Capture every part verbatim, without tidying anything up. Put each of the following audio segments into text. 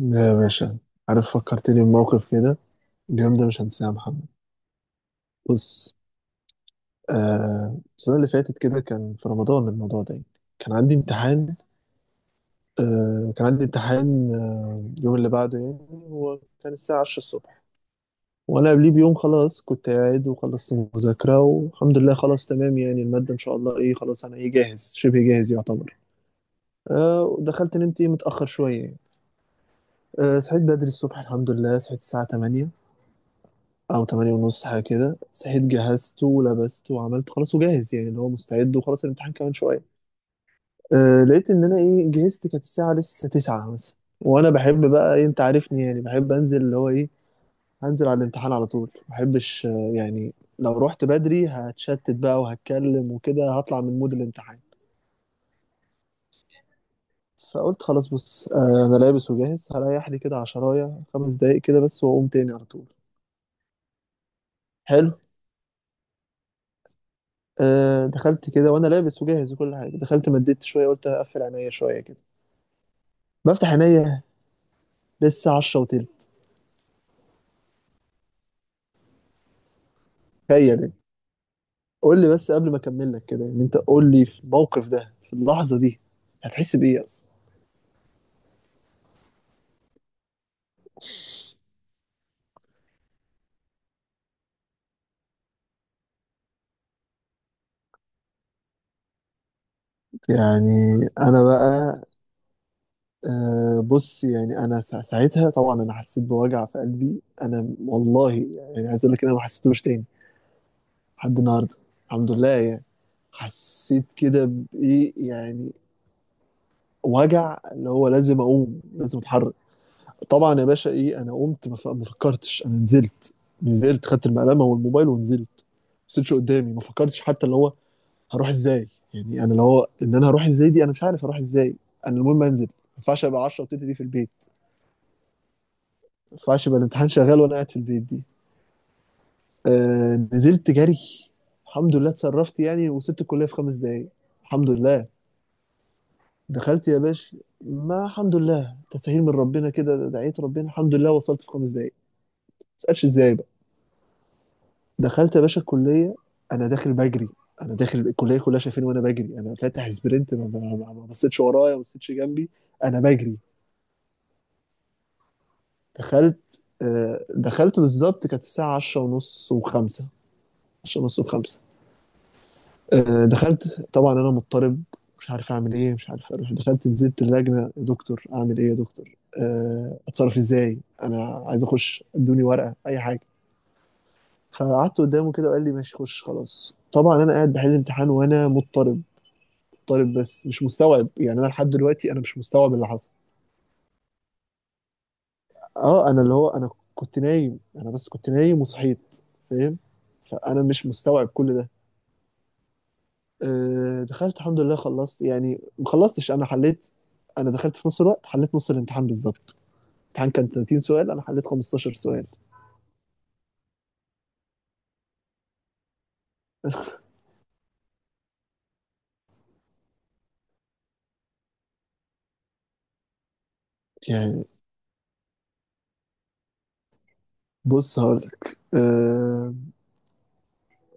يا باشا، عارف فكرتني بموقف كده. اليوم ده مش هنساه يا محمد. بص، آه السنة اللي فاتت كده كان في رمضان الموضوع ده يعني. كان عندي امتحان. آه كان عندي امتحان آه اليوم اللي بعده يعني هو كان الساعة عشرة الصبح. وأنا قبليه بيوم خلاص كنت قاعد وخلصت مذاكرة والحمد لله خلاص تمام، يعني المادة إن شاء الله إيه خلاص، أنا إيه جاهز شبه جاهز يعتبر. آه ودخلت نمت إيه متأخر شوية يعني. آه صحيت بدري الصبح الحمد لله، صحيت الساعة تمانية او تمانية ونص حاجة كده. صحيت جهزته ولبسته وعملت خلاص وجاهز، يعني اللي هو مستعد وخلاص الامتحان كمان شوية. أه لقيت ان انا ايه جهزت، كانت الساعة لسه تسعة مثلا. وانا بحب بقى إيه، انت عارفني يعني، بحب انزل اللي هو ايه، هنزل على الامتحان على طول. ما بحبش، آه، يعني لو رحت بدري هتشتت بقى وهتكلم وكده هطلع من مود الامتحان. فقلت خلاص بص، آه، انا لابس وجاهز هريح لي كده عشراية خمس دقايق كده بس واقوم تاني على طول. حلو. آه، دخلت كده وانا لابس وجاهز وكل حاجه. دخلت مديت شويه قلت هقفل عينيا شويه كده. بفتح عينيا لسه عشرة وتلت. تخيل يعني. قول لي بس قبل ما اكمل لك كده، يعني انت قول لي في الموقف ده في اللحظه دي هتحس بايه اصلا؟ يعني انا بقى، آه، بص، يعني انا سا- ساعتها طبعا انا حسيت بوجع في قلبي. انا والله يعني عايز اقول لك إن انا ما حسيتوش تاني لحد النهارده، الحمد لله يعني. حسيت كده بايه يعني، وجع اللي هو لازم اقوم لازم اتحرك. طبعا يا باشا ايه، انا قمت ما ف- ما فكرتش، انا نزلت. نزلت خدت المقلمه والموبايل ونزلت. مبصيتش قدامي، ما فكرتش حتى اللي هو هروح ازاي، يعني انا اللي هو ان انا هروح ازاي دي، انا مش عارف هروح ازاي. انا المهم انزل، ما ينفعش ابقى عشرة وتلت دي في البيت. ما ينفعش يبقى الامتحان شغال وانا قاعد في البيت دي. آه نزلت جري. الحمد لله اتصرفت يعني، وصلت الكليه في خمس دقايق الحمد لله. دخلت يا باشا ما الحمد لله تسهيل من ربنا كده، دعيت ربنا الحمد لله وصلت في خمس دقايق. ما تسالش ازاي بقى. دخلت يا باشا الكلية. أنا داخل بجري. أنا داخل الكلية كلها شايفيني وأنا بجري، أنا فاتح سبرنت. ما ما- ما- ما بصيتش ورايا، ما بصيتش جنبي. أنا بجري. دخلت آه، دخلت بالظبط كانت الساعة عشرة ونص وخمسة. عشرة ونص وخمسة. آه، دخلت طبعا أنا مضطرب، مش عارف أعمل إيه، مش عارف أروح. دخلت نزلت اللجنة، يا دكتور أعمل إيه يا دكتور، آه، أتصرف إزاي، أنا عايز أخش، ادوني ورقة أي حاجة. فقعدت قدامه كده وقال لي ماشي خش خلاص. طبعا انا قاعد بحل امتحان وانا مضطرب، طالب بس مش مستوعب. يعني انا لحد دلوقتي انا مش مستوعب اللي حصل. اه انا اللي هو انا كنت نايم، انا بس كنت نايم وصحيت، فاهم. فانا مش مستوعب كل ده. آه، دخلت الحمد لله خلصت، يعني ما خلصتش انا حليت. انا دخلت في نص الوقت حليت نص الامتحان بالظبط. الامتحان كان تلاتين سؤال، انا حليت خمستاشر سؤال. يعني بص هقول لك، آه،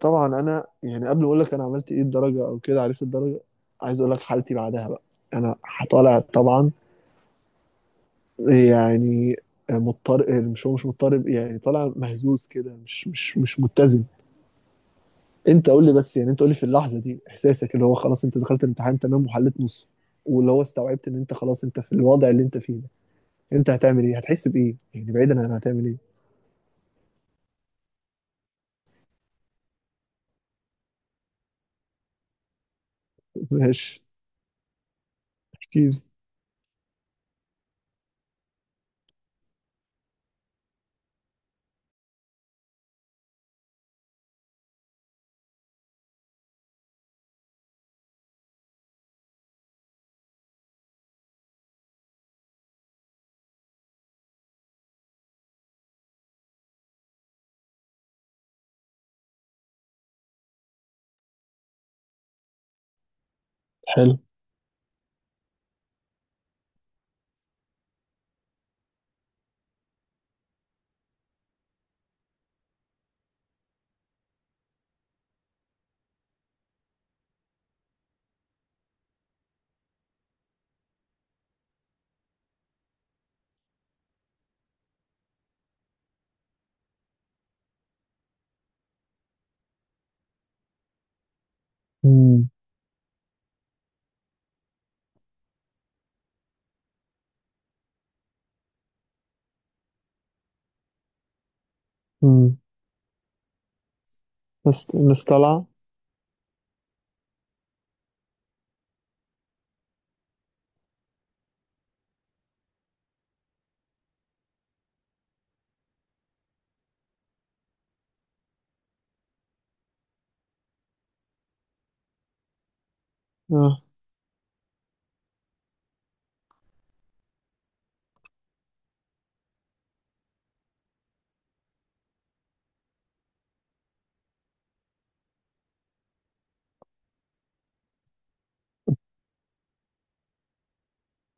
طبعا انا يعني قبل ما اقول لك انا عملت ايه الدرجه او كده عرفت الدرجه، عايز اقول لك حالتي بعدها بقى. انا طالع طبعا يعني، مضطرب، مش هو مش مضطرب يعني، طالع مهزوز كده، مش مش مش متزن. انت قول لي بس يعني، انت قول لي في اللحظه دي احساسك اللي هو خلاص انت دخلت الامتحان تمام وحليت نص، واللي هو استوعبت ان انت خلاص انت في الوضع اللي انت فيه ده، انت هتعمل ايه، هتحس بايه يعني، بعيدا عن هتعمل ايه؟ ماشي، اكيد. حلو. امم. امم. بس الناس طالعه. اه.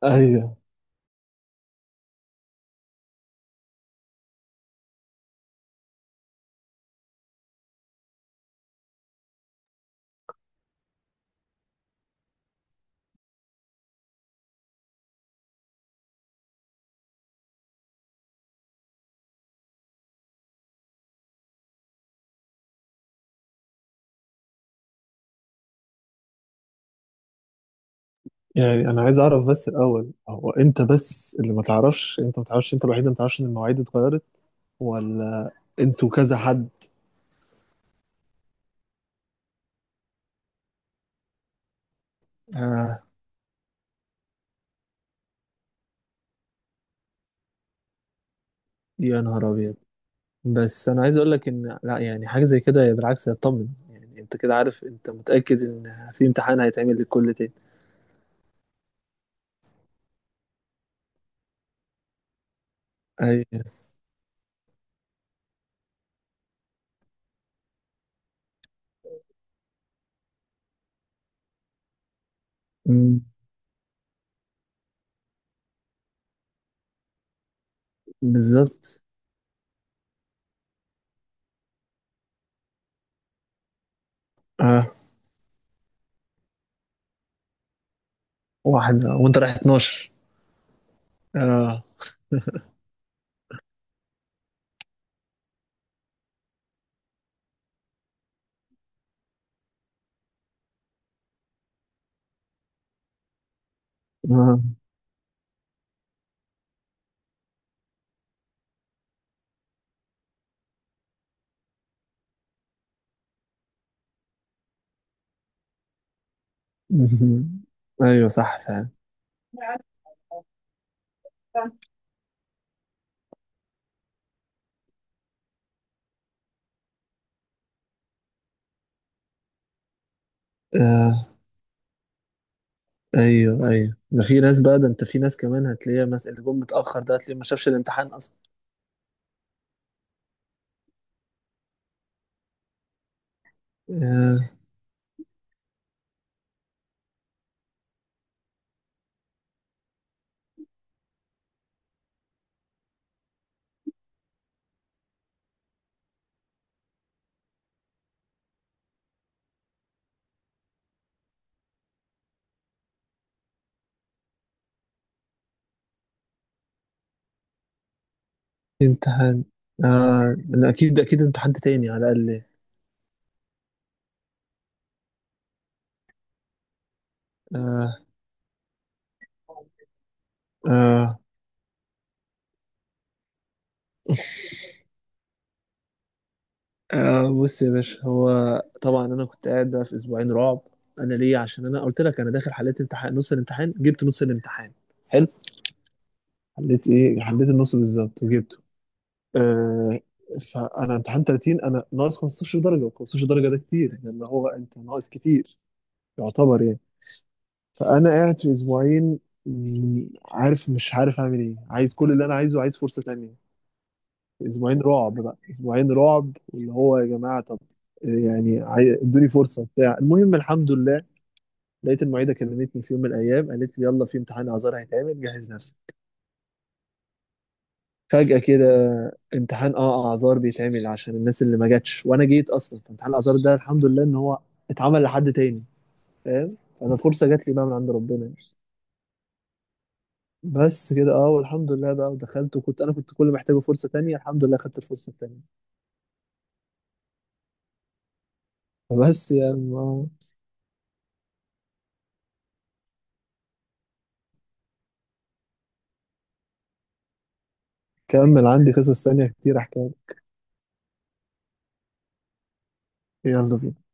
ايوه. يعني انا عايز اعرف بس الاول، هو انت بس اللي ما تعرفش، انت ما تعرفش، انت الوحيد اللي ما تعرفش ان المواعيد اتغيرت، ولا انتوا كذا حد؟ آه. يا نهار ابيض. بس انا عايز اقول لك ان لا، يعني حاجه زي كده بالعكس هتطمن، يعني انت كده عارف، انت متاكد ان في امتحان هيتعمل للكل تاني. ايوه. أمم. بالظبط. اه. واحد وانت رايح اتناشر. اه اه. مهم. ايوه صح فعلا. آه ايوه ايوه، ده في ناس بقى، ده انت في ناس كمان هتلاقيها مثلا اللي جم متاخر ده هتلاقيه ما شافش الامتحان اصلا. آه. امتحان. آه لا، اكيد اكيد امتحان تاني على الاقل. آه آه آه بص يا باشا، هو طبعا انا كنت قاعد بقى في اسبوعين رعب. انا ليه؟ عشان انا قلت لك انا داخل حليت امتحان نص الامتحان، جبت نص الامتحان. حلو. حليت ايه؟ حليت النص بالظبط وجبته. آه فانا امتحان ثلاثين انا ناقص خمسة عشر درجه، و15 درجه ده كتير لان هو انت ناقص كتير يعتبر يعني. فانا قاعد في اسبوعين، مم، عارف مش عارف اعمل ايه، عايز كل اللي انا عايزه، عايز فرصه تانية. اسبوعين رعب بقى، اسبوعين رعب، واللي هو يا جماعه طب يعني عاي- ادوني فرصه بتاع، المهم الحمد لله. لقيت المعيده كلمتني في يوم من الايام قالت لي يلا في امتحان اعذار هيتعمل جهز نفسك. فجاه كده امتحان، اه اعذار بيتعمل عشان الناس اللي ما جاتش وانا جيت اصلا. فامتحان الاعذار ده الحمد لله ان هو اتعمل لحد تاني. فاهم، انا فرصه جات لي بقى من عند ربنا يعني. بس كده. اه والحمد لله بقى، ودخلت وكنت انا كنت كل محتاجه فرصه تانية، الحمد لله خدت الفرصه التانية. بس يعني آه، كمل. عندي قصص تانية كتير احكي. يلا بينا.